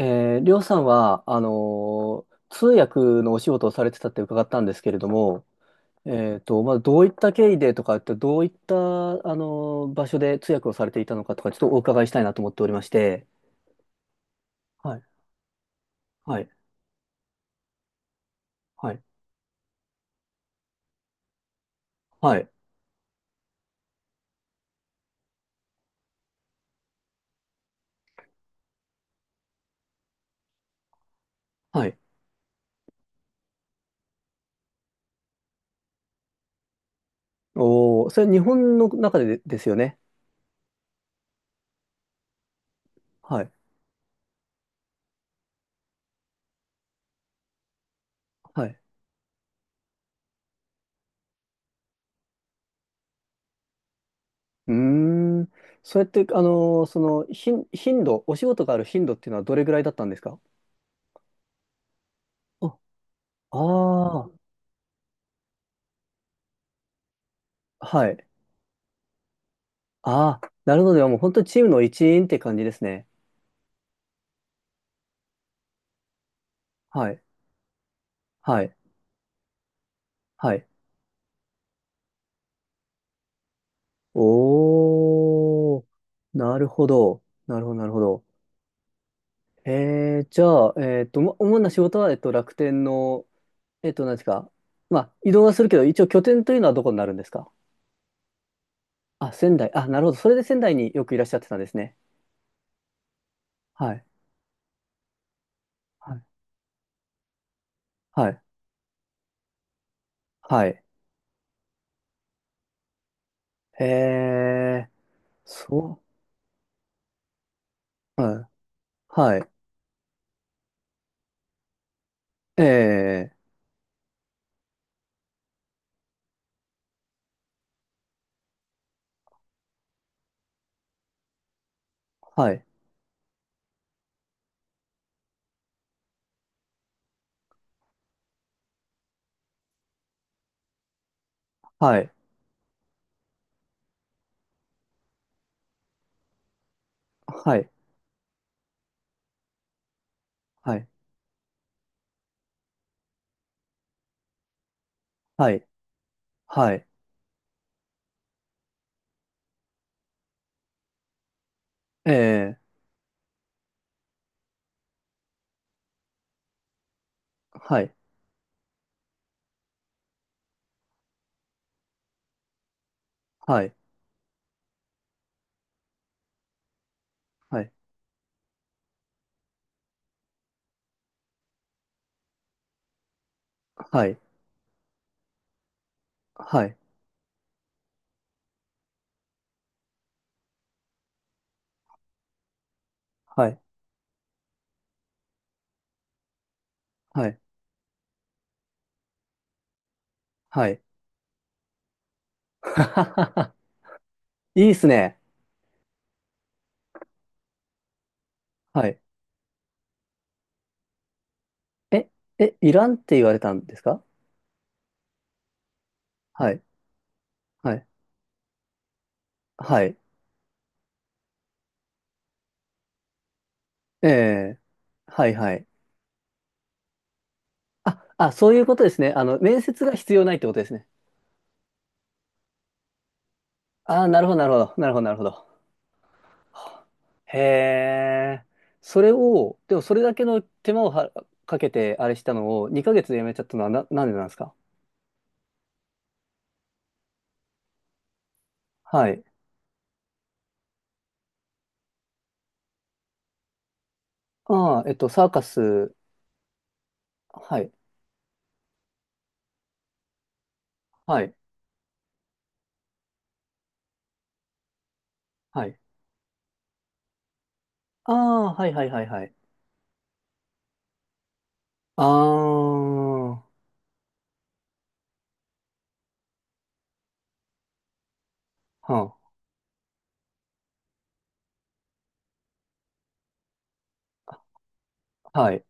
りょうさんは、通訳のお仕事をされてたって伺ったんですけれども、まあ、どういった経緯でとかって、どういった場所で通訳をされていたのかとか、ちょっとお伺いしたいなと思っておりまして。はい、はい、はい、はい、はい。おー、それ日本の中でですよね。はい、はい。うーん。それって、その頻度、お仕事がある頻度っていうのはどれぐらいだったんですか？ああー、はい。ああ、なるほど。でももう本当にチームの一員って感じですね。はい。はい。はい。おー。なるほど。なるほど、なるほど。えー、じゃあ、えっと、ま主な仕事は、えっと、楽天の、えっと、何ですか。まあ、移動はするけど、一応拠点というのはどこになるんですか？あ、仙台。あ、なるほど。それで仙台によくいらっしゃってたんですね。はい。はい。はい。はい。えー、そう。はい。はい。えー、はい。はい。はい。はい。はい。はい。ええ、はい。はい。はい。はい。はい。はい。はい。はい。はははは。いいっすね。はい。え、え、いらんって言われたんですか？はい。はい。はい。ええ、はい。はい。あ、あ、そういうことですね。あの、面接が必要ないってことですね。ああ、なるほど、なるほど。なるほど、なるほど。へえ。それを、でもそれだけの手間をかけて、あれしたのを2ヶ月でやめちゃったのはなんでなんですか？はい。ああ、えっと、サーカス。はい。はい。はい。ああ、はいはいはいはい。ああ、はあ、はい。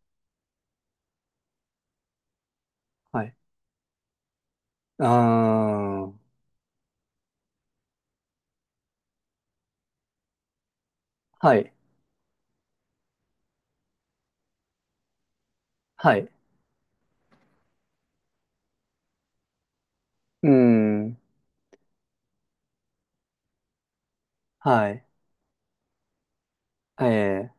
はい。ああ、はい。はい。うーん。はい。ええ、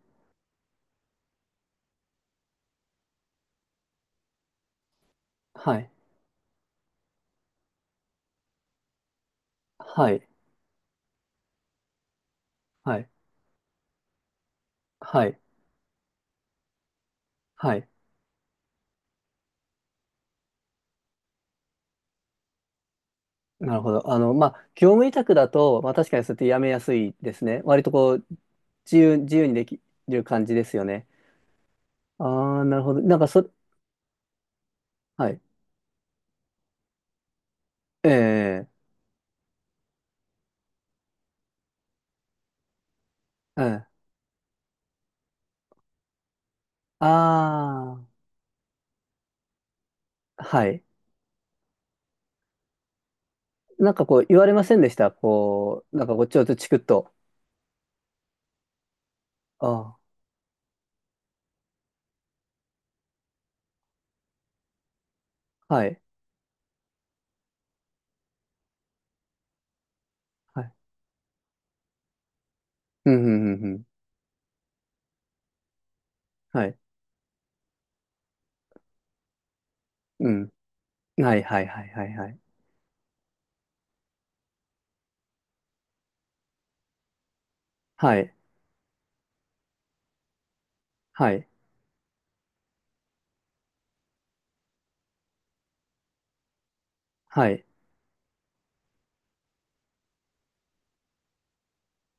はい。はい。はい。はい。はい。なるほど。あの、まあ、業務委託だと、まあ、確かにそうやってやめやすいですね。割とこう、自由、自由にできる感じですよね。ああ、なるほど。なんかそ、はい。ええ、ええ。ああ、はい。なんかこう言われませんでした？こう、なんかこうちょっとチクッと。ああ、はい、はい。うん、うん、うん、うん。はい、うん。はい、はい、はい、はい、はい。はい、はい、はい。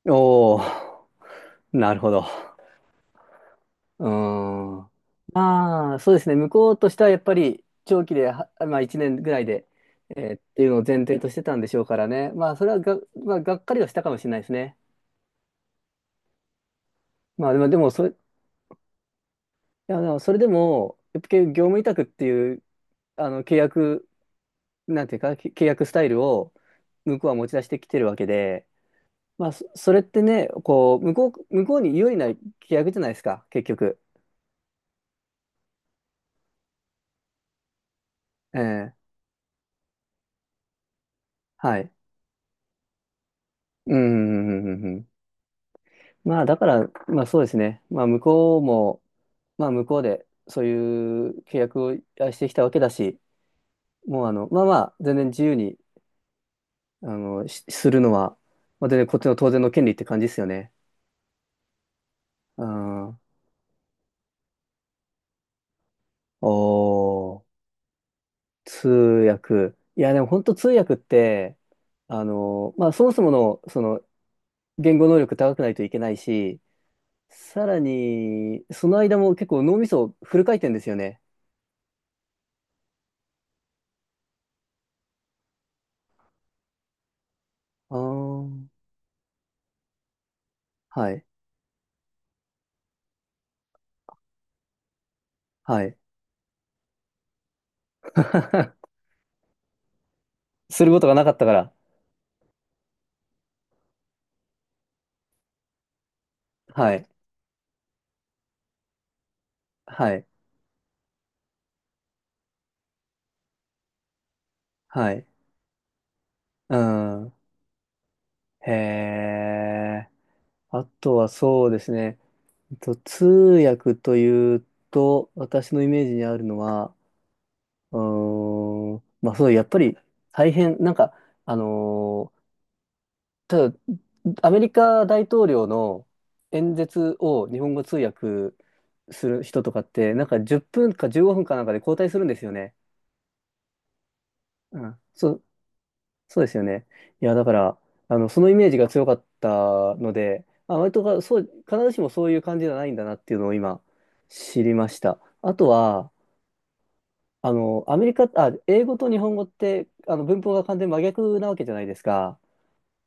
おー、なるほど。うーん。まあ、そうですね。向こうとしてはやっぱり長期で、はまあ1年ぐらいで、えーっていうのを前提としてたんでしょうからね。まあ、それはまあ、がっかりはしたかもしれないですね。まあ、でも、でもそれ、いや、でもそれでも、やっぱり業務委託っていう、契約なんていうか、け契約スタイルを向こうは持ち出してきてるわけで、それってね、向こうに有利な契約じゃないですか、結局。ええ、はい。うん、うん、うん、うんうん。まあ、だから、まあそうですね。まあ、向こうも、まあ、向こうで、そういう契約をしてきたわけだし、もう、あの、まあまあ、全然自由にするのは、まあ、全然こっちの当然の権利って感じですよね。うん。おー。通訳。いや、でも本当通訳って、あの、まあ、そもそもの、その、言語能力高くないといけないし、さらに、その間も結構脳みそフル回転ですよね。ああ、はい、はい。することがなかったから。はい、はい、はい。うん。へえ。あとはそうですね。通訳というと、私のイメージにあるのは、うーん。まあそう、やっぱり大変、なんか、あのーただ、アメリカ大統領の演説を日本語通訳する人とかって、なんか10分か15分かなんかで交代するんですよね。うん。そう、そうですよね。いや、だから、あの、そのイメージが強かったので、まあ、割とか、そう、必ずしもそういう感じじゃないんだなっていうのを今、知りました。あとは、あの、アメリカ、あ、英語と日本語って、あの、文法が完全に真逆なわけじゃないですか。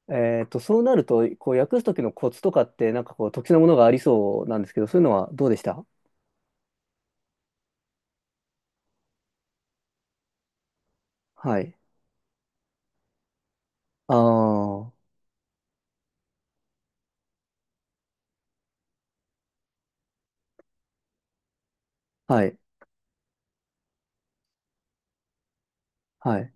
えっと、そうなると、こう、訳すときのコツとかって、なんかこう、特殊なものがありそうなんですけど、そういうのはどうでした？はい。ああ、はい、はい。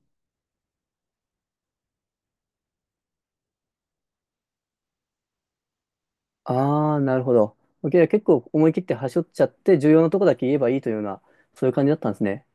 ああ、なるほど。OK、 結構思い切って端折っちゃって、重要なとこだけ言えばいいというような、そういう感じだったんですね。